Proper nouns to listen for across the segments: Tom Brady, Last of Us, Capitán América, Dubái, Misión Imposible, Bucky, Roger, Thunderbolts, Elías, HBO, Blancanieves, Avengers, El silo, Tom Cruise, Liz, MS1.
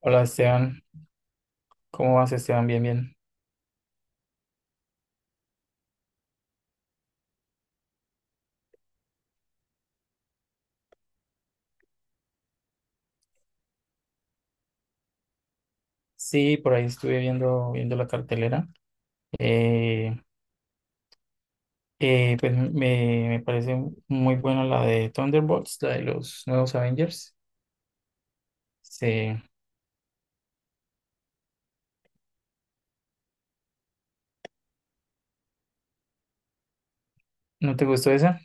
Hola Esteban, ¿cómo vas Esteban? Bien, bien. Sí, por ahí estuve viendo la cartelera. Eh, me parece muy buena la de Thunderbolts, la de los nuevos Avengers. Sí. ¿No te gustó esa?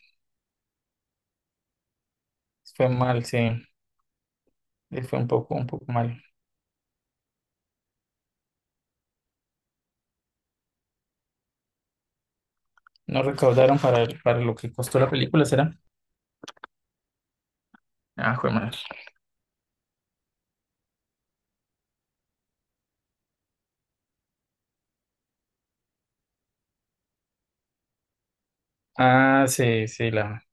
Fue mal, sí. Fue un poco mal. No recaudaron para lo que costó la película, ¿será? Ah, fue mal. Ah, sí, sí, la,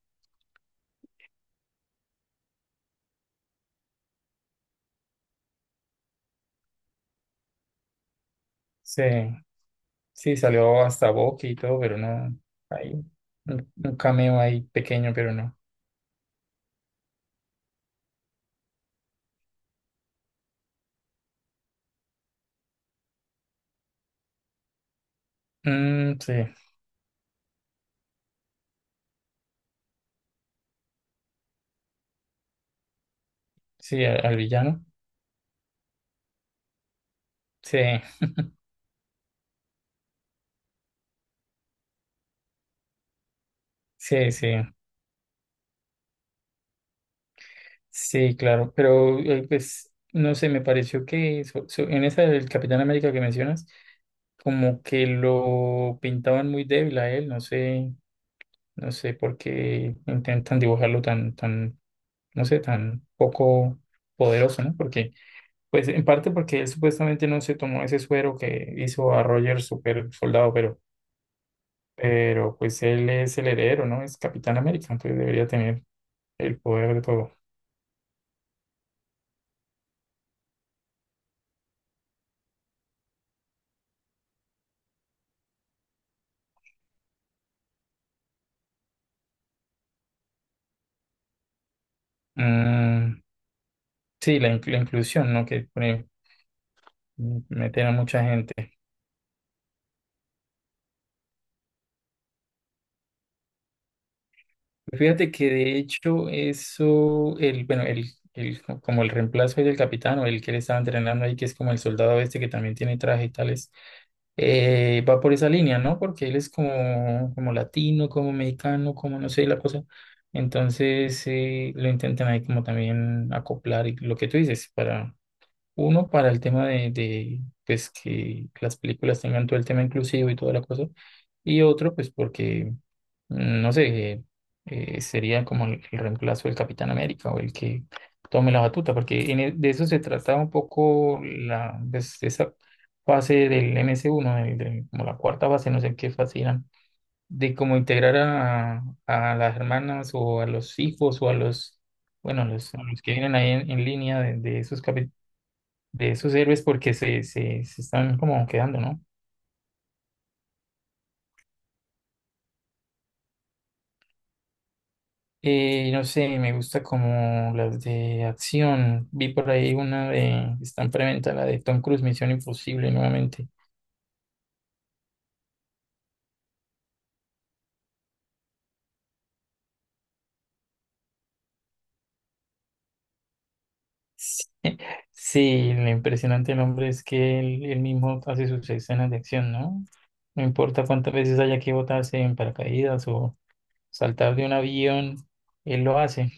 sí, sí, salió hasta Bucky y todo, pero no, hay un cameo ahí pequeño, pero no. Mm, sí. Sí, al villano. Sí, sí, sí. Sí, claro. Pero, pues, no sé, me pareció que en esa del Capitán América que mencionas, como que lo pintaban muy débil a él. No sé, no sé por qué intentan dibujarlo no sé, tan poco poderoso, ¿no? Porque, pues, en parte porque él supuestamente no se tomó ese suero que hizo a Roger super soldado, pues, él es el heredero, ¿no? Es Capitán América, entonces debería tener el poder de todo. Mm, sí, la inclusión, ¿no? Que pone- mm, meter a mucha gente. Fíjate que de hecho eso, el, bueno, el, co- como el reemplazo del capitán o el que le estaba entrenando ahí, que es como el soldado este que también tiene traje y tales, va por esa línea, ¿no? Porque él es como, como latino, como mexicano, como no sé, la cosa. Entonces lo intentan ahí como también acoplar y lo que tú dices para... Uno, para el tema pues, que las películas tengan todo el tema inclusivo y toda la cosa. Y otro, pues porque, mm, no sé, sería como el reemplazo del Capitán América o el que tome la batuta, porque de eso se trataba un poco la, pues, esa fase del MS1, como la cuarta fase, no sé qué fase eran, de cómo integrar a las hermanas o a los hijos o a los, bueno, a los que vienen ahí en línea de esos héroes porque se están como quedando, ¿no? No sé, me gusta como las de acción. Vi por ahí una de, está en preventa, la de Tom Cruise, Misión Imposible nuevamente. Sí, lo impresionante del hombre es que él mismo hace sus escenas de acción, ¿no? No importa cuántas veces haya que botarse en paracaídas o saltar de un avión, él lo hace.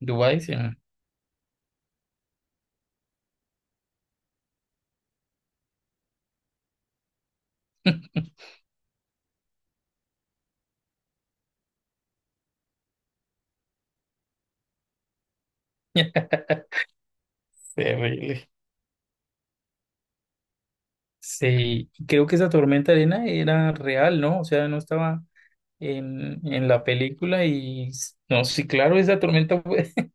Dubái, sí. Terrible. Sí, creo que esa tormenta de arena era real, ¿no? O sea, no estaba en la película y s- no, sí, claro, esa tormenta fue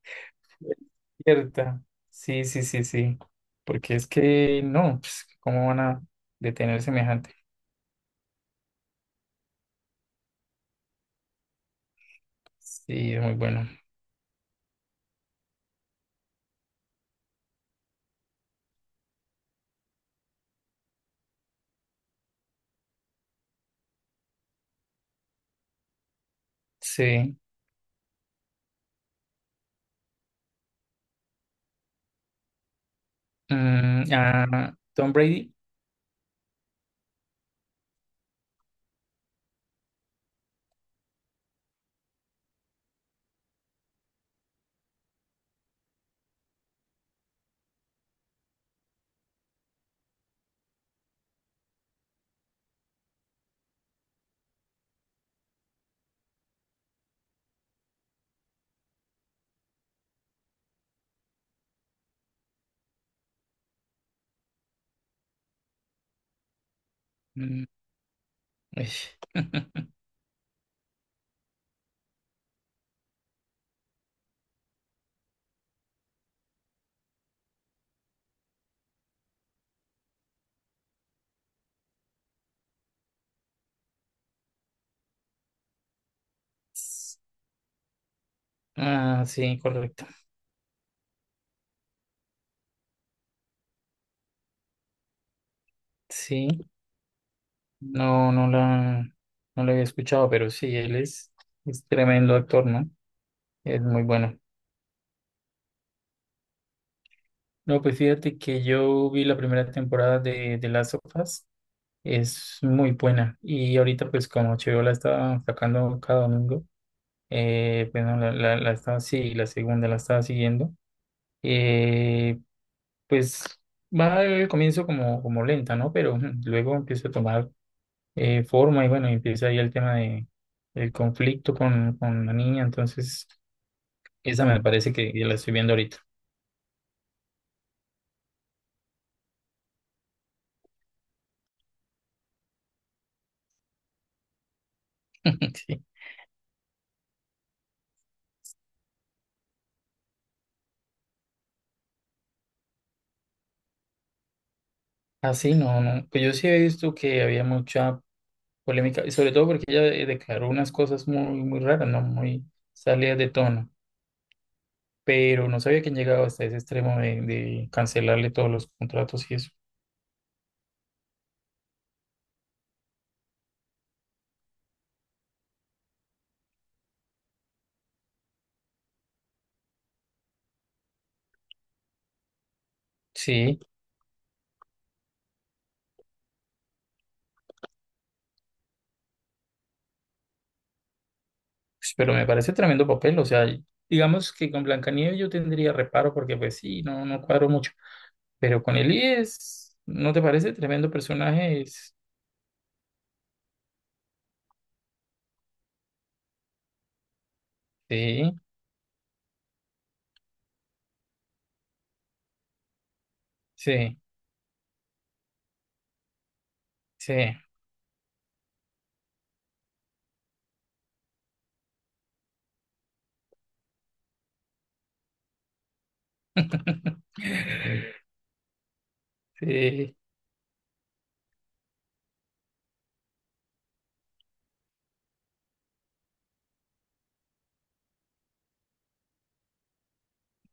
cierta. Sí, sí, sí, sí. Porque es que no, pues, ¿cómo van a detener semejante? Sí, es muy bueno. Sí. Mm, ah, Tom Brady. Mm, ish. Ah, sí, correcto. Sí, no, no la, no la había escuchado, pero sí, él es tremendo actor, ¿no? Es muy bueno. No, pues fíjate que yo vi la primera temporada de Last of Us. Es muy buena. Y ahorita, pues, como HBO la está sacando cada domingo, pues no, la estaba, sí, la segunda la estaba siguiendo. Eh, pues va al comienzo como, como lenta, ¿no? Pero ujú, luego empieza a tomar forma y bueno, empieza ahí el tema de el conflicto con la niña. Entonces, esa me parece que ya la estoy viendo ahorita. Sí. Así no, no. Pues yo sí he visto que había mucha polémica, y sobre todo porque ella declaró unas cosas muy, muy raras, ¿no? Muy salidas de tono. Pero no sabía que han llegado hasta ese extremo de cancelarle todos los contratos y eso. Sí, pues, pero me parece tremendo papel. O sea, digamos que con Blancanieves yo tendría reparo porque, pues sí, no, no cuadro mucho. Pero con Elías, ¿no te parece tremendo personaje? Es- sí, sí, sí. Sí,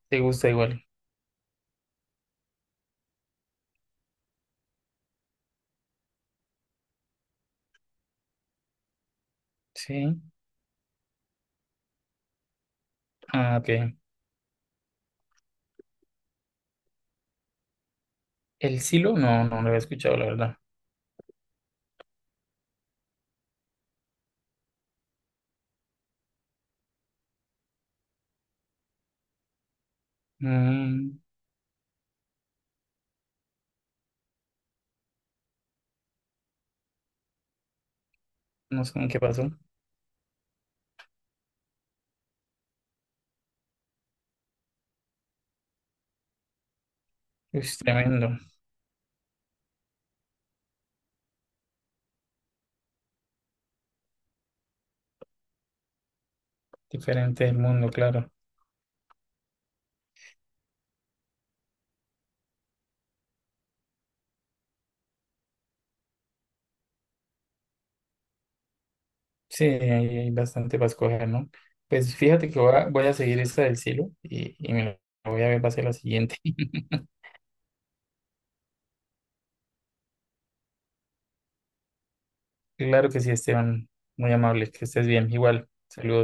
te gusta igual. Sí. Ah, ok. El silo, no, no lo había escuchado, la verdad. Mm, no sé en qué pasó. Es tremendo. Diferente del mundo, claro. Sí, hay bastante para escoger, ¿no? Pues fíjate que voy a, voy a seguir esta del silo y me la voy a ver para hacer la siguiente. Claro que sí, Esteban. Muy amable. Que estés bien. Igual. Saludos.